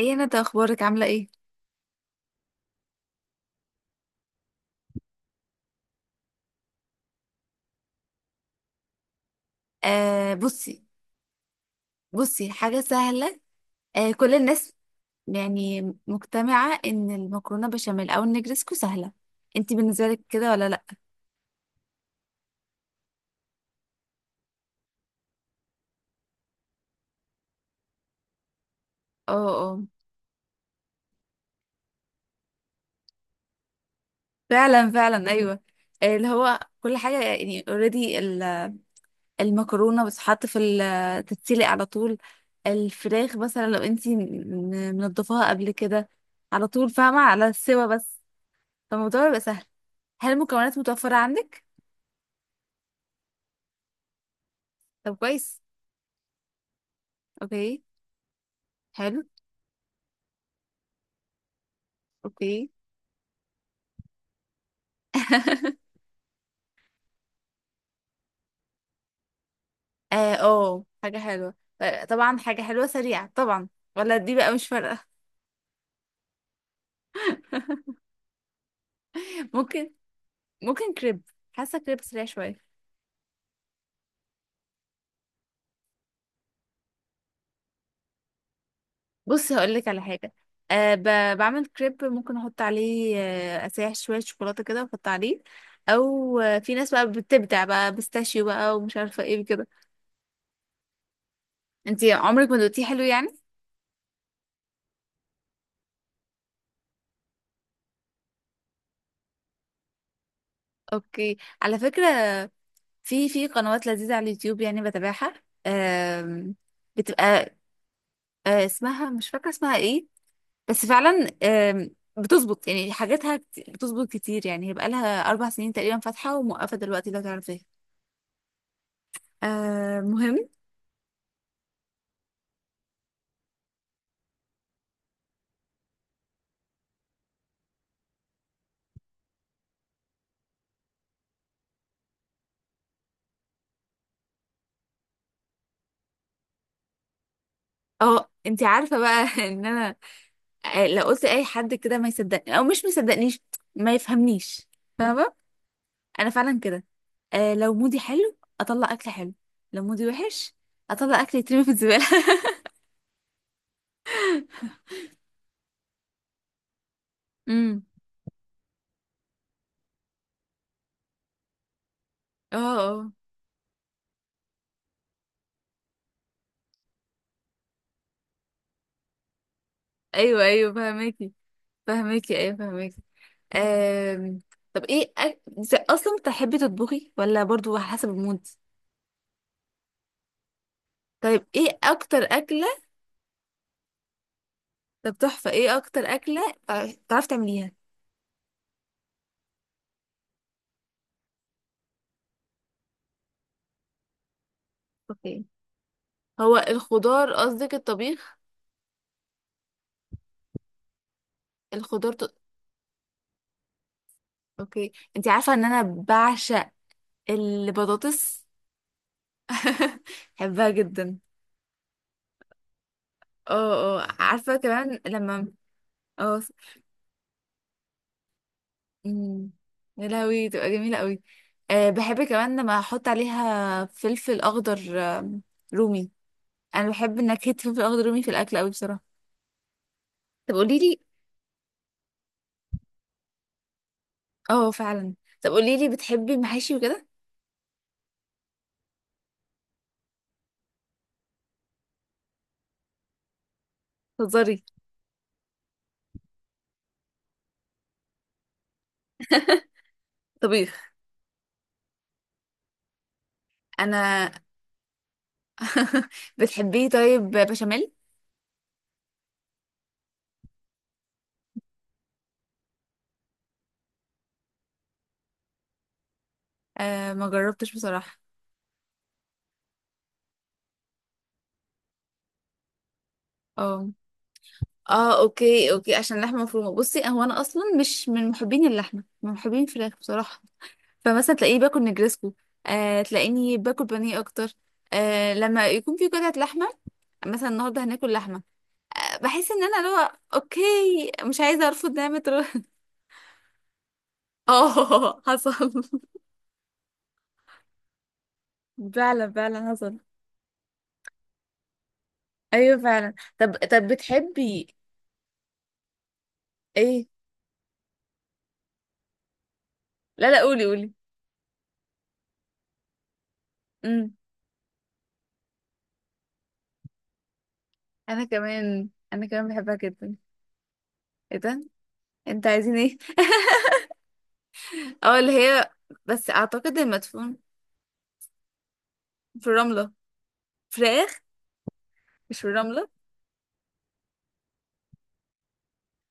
ايه؟ انا طيب، اخبارك عامله ايه؟ آه، بصي. بصي، حاجه سهله. آه، كل الناس يعني مجتمعه ان المكرونه بشاميل او النجرسكو سهله. انتي بالنسبه لك كده ولا لا؟ اه، اه، فعلا، فعلا، ايوه. اللي هو كل حاجه يعني اوريدي. المكرونه بتتحط تتسلق على طول. الفراخ مثلا لو انتي منضفاها قبل كده على طول، فاهمه، على السوا بس. فالموضوع بيبقى سهل. هل المكونات متوفره عندك؟ طب كويس. اوكي. حلو. اوكي. اه، أوه، حاجة حلوة. طبعا حاجة حلوة سريعة طبعا، ولا دي بقى مش فارقة. ممكن. ممكن كريب. حاسة كريب سريع شوية. بصي، هقولك على حاجة. أه ب... بعمل كريب، ممكن احط عليه اسيح شوية شوكولاتة كده واحط عليه. او في ناس بقى بتبدع بقى بيستاشيو بقى ومش عارفة ايه كده. انتي عمرك ما دوقتيه حلو يعني؟ اوكي، على فكرة. في قنوات لذيذة على اليوتيوب يعني بتابعها. آم، بتبقى اسمها، مش فاكرة اسمها ايه. بس فعلا بتظبط يعني حاجاتها بتظبط كتير يعني. هي بقالها أربع سنين تقريبا فاتحة وموقفة دلوقتي لو تعرفيها. آه، مهم. اه، انت عارفة بقى ان انا، لو قلت اي حد كده ما يصدقني او مش مصدقنيش، ما يفهمنيش، فاهمة. انا فعلا كده. لو مودي حلو اطلع اكل حلو، لو مودي وحش اطلع اكل يترمي في الزبالة. امم. اه، اه، ايوه، ايوه فهماكي، فهماكي، ايوه فهماكي. آم، طب، ايه اصلا بتحبي تطبخي ولا برضو على حسب المود؟ طيب، ايه اكتر اكله؟ طب تحفه، ايه اكتر اكله تعرفي تعمليها؟ اوكي. هو الخضار قصدك الطبيخ؟ الخضار اوكي. انت عارفه ان انا بعشق البطاطس. بحبها جدا. اه، اه، عارفه كمان لما اه أمم، يا لهوي، تبقى جميله قوي. بحب كمان لما احط عليها فلفل اخضر، رومي. انا بحب نكهة الفلفل الاخضر الرومي في الاكل قوي بصراحة. طب قولي لي. اه، فعلا. طب قولي لي، بتحبي المحاشي وكده؟ تهزري؟ طبيخ. انا بتحبيه طيب بشاميل؟ ما جربتش بصراحة. اه، اه، اوكي، اوكي، عشان لحمة مفرومة. بصي، هو انا اصلا مش من محبين اللحمة، من محبين الفراخ بصراحة. فمثلا تلاقيه باكل نجرسكو، تلاقيني باكل بانيه اكتر. لما يكون في قطعة لحمة، مثلا النهارده هناكل لحمة، بحس ان انا لو اوكي، مش عايزة ارفض نعمة. اه. حصل. فعلا، فعلا حصل. ايوه فعلا. طب بتحبي ايه؟ لا، لا، قولي، قولي. امم. انا كمان، انا كمان بحبها جدا. ايه ده؟ انت عايزين ايه؟ اه، اللي هي، بس اعتقد المدفون في الرملة، فراخ، مش في الرملة.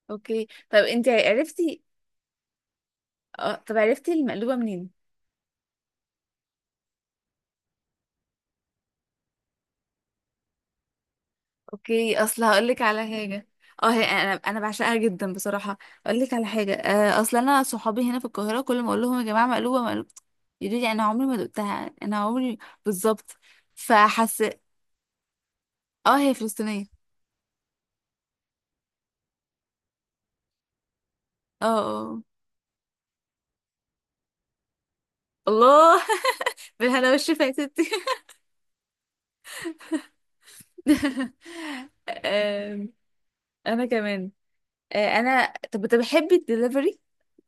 اوكي طب، انت عرفتي. اه، طب عرفتي المقلوبة منين؟ اوكي، اصل هقول لك على حاجه. اه، هي انا بعشقها جدا بصراحه. اقول لك على حاجه. اصل انا صحابي هنا في القاهره كل ما اقول لهم يا جماعه مقلوبه مقلوبه، يقولوا لي انا عمري ما دقتها، انا عمري. بالظبط. فحس. اه، هي فلسطينيه. اه، اه، اه. الله. بالهنا والشفا يا ستي. آم، انا كمان. انا طب، بتحبي الدليفري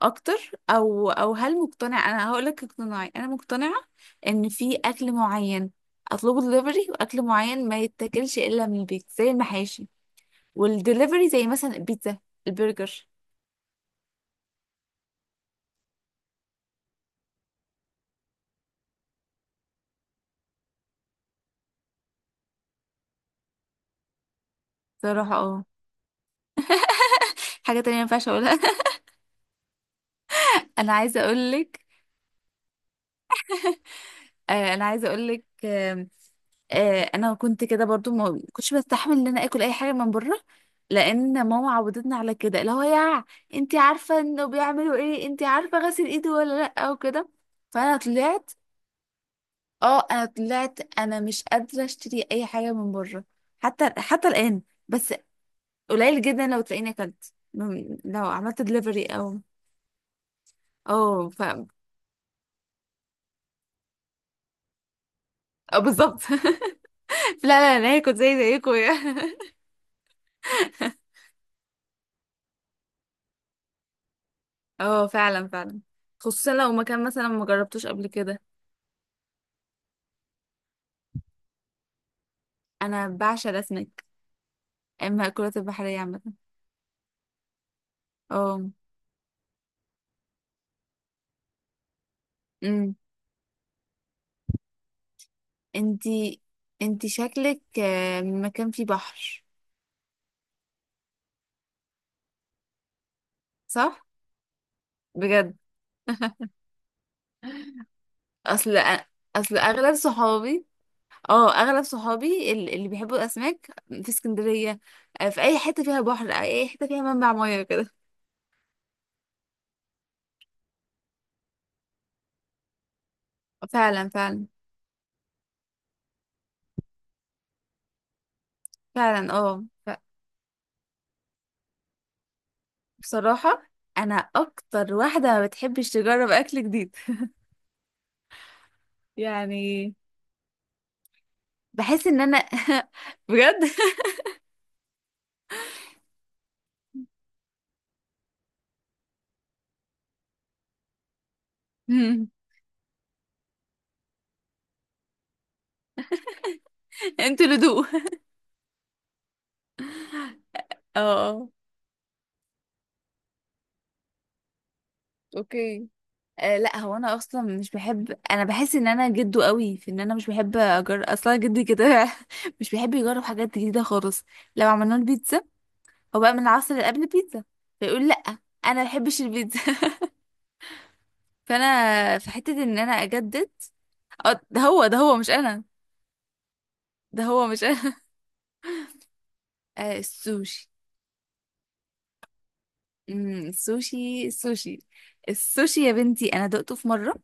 اكتر؟ او هل مقتنع؟ انا هقولك اقتناعي. انا مقتنعه ان في اكل معين اطلبه دليفري، واكل معين ما يتاكلش الا من البيت زي المحاشي، والدليفري زي مثلا البيتزا، البرجر. صراحه، اه. حاجه تانية ما ينفعش اقولها. انا عايزه اقولك. انا عايزه اقولك. انا كنت كده برضو ما كنتش بستحمل ان انا اكل اي حاجه من بره، لان ماما عودتنا على كده، اللي هو يا، انت عارفه انه بيعملوا ايه، انت عارفه غسل ايده ولا لا وكده. فانا طلعت. اه، انا طلعت انا مش قادره اشتري اي حاجه من بره حتى الان. بس قليل جدا لو تلاقيني لو عملت دليفري او، اه، ف، اه، بالظبط. لا، لا، انا هاكل زي زيكم. اه فعلا، فعلا، خصوصا لو مكان مثلا ما جربتوش قبل كده. انا بعشق الاسماك، اما المأكولات البحرية عامة. اه. امم. انتي انتي شكلك من مكان فيه بحر. صح. بجد. اصل. اصل اغلب صحابي، اه، اغلب صحابي اللي بيحبوا الاسماك في اسكندرية. في اي حتة فيها بحر، اي حتة فيها منبع مياه كده. فعلا، فعلا، فعلا. اه بصراحة، انا اكتر واحدة ما بتحبش تجرب اكل جديد، يعني بحس ان انا بجد. انتوا لدو اه. اه. اوكي. لا هو انا اصلا مش بحب، انا بحس ان انا جدو قوي في ان انا مش بحب اجرب اصلا، جدي كده مش بيحب يجرب حاجات جديده خالص. لو عملنا له بيتزا، هو بقى من العصر اللي قبل البيتزا، فيقول لا انا ما بحبش البيتزا. فانا في حته ان انا اجدد. اه، ده هو مش انا. ده هو مش انا. السوشي. امم. السوشي، السوشي. السوشي يا بنتي، انا دقته في مره،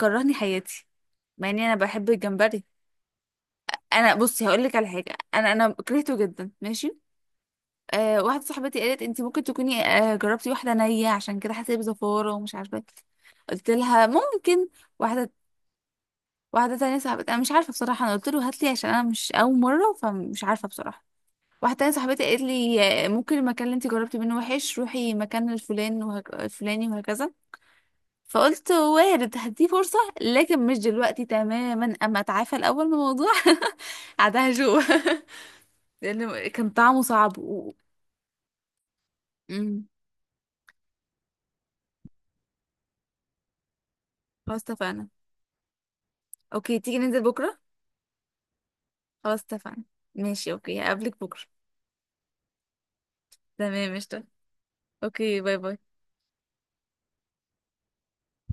كرهني حياتي مع اني انا بحب الجمبري. انا بصي هقول لك على حاجه. انا كرهته جدا ماشي. واحده صاحبتي قالت انت ممكن تكوني جربتي واحده نيه، عشان كده حسيت بزفاره ومش عارفه إيه. قلت لها ممكن. واحده، واحده تانية صاحبتي، انا مش عارفه بصراحه، انا قلت له هات لي عشان انا مش اول مره، فمش عارفه بصراحه. واحده تانية صاحبتي قالت لي ممكن المكان اللي انت جربتي منه وحش، روحي مكان الفلان الفلاني وهكذا. فقلت وارد، هديه فرصه، لكن مش دلوقتي تماما، اما اتعافى الاول من الموضوع. عادها شو، لأن كان طعمه صعب امم. خلاص اتفقنا. اوكي، تيجي ننزل بكرة. خلاص اتفقنا. ماشي، اوكي، هقابلك بكرة. تمام قشطة. اوكي، باي باي.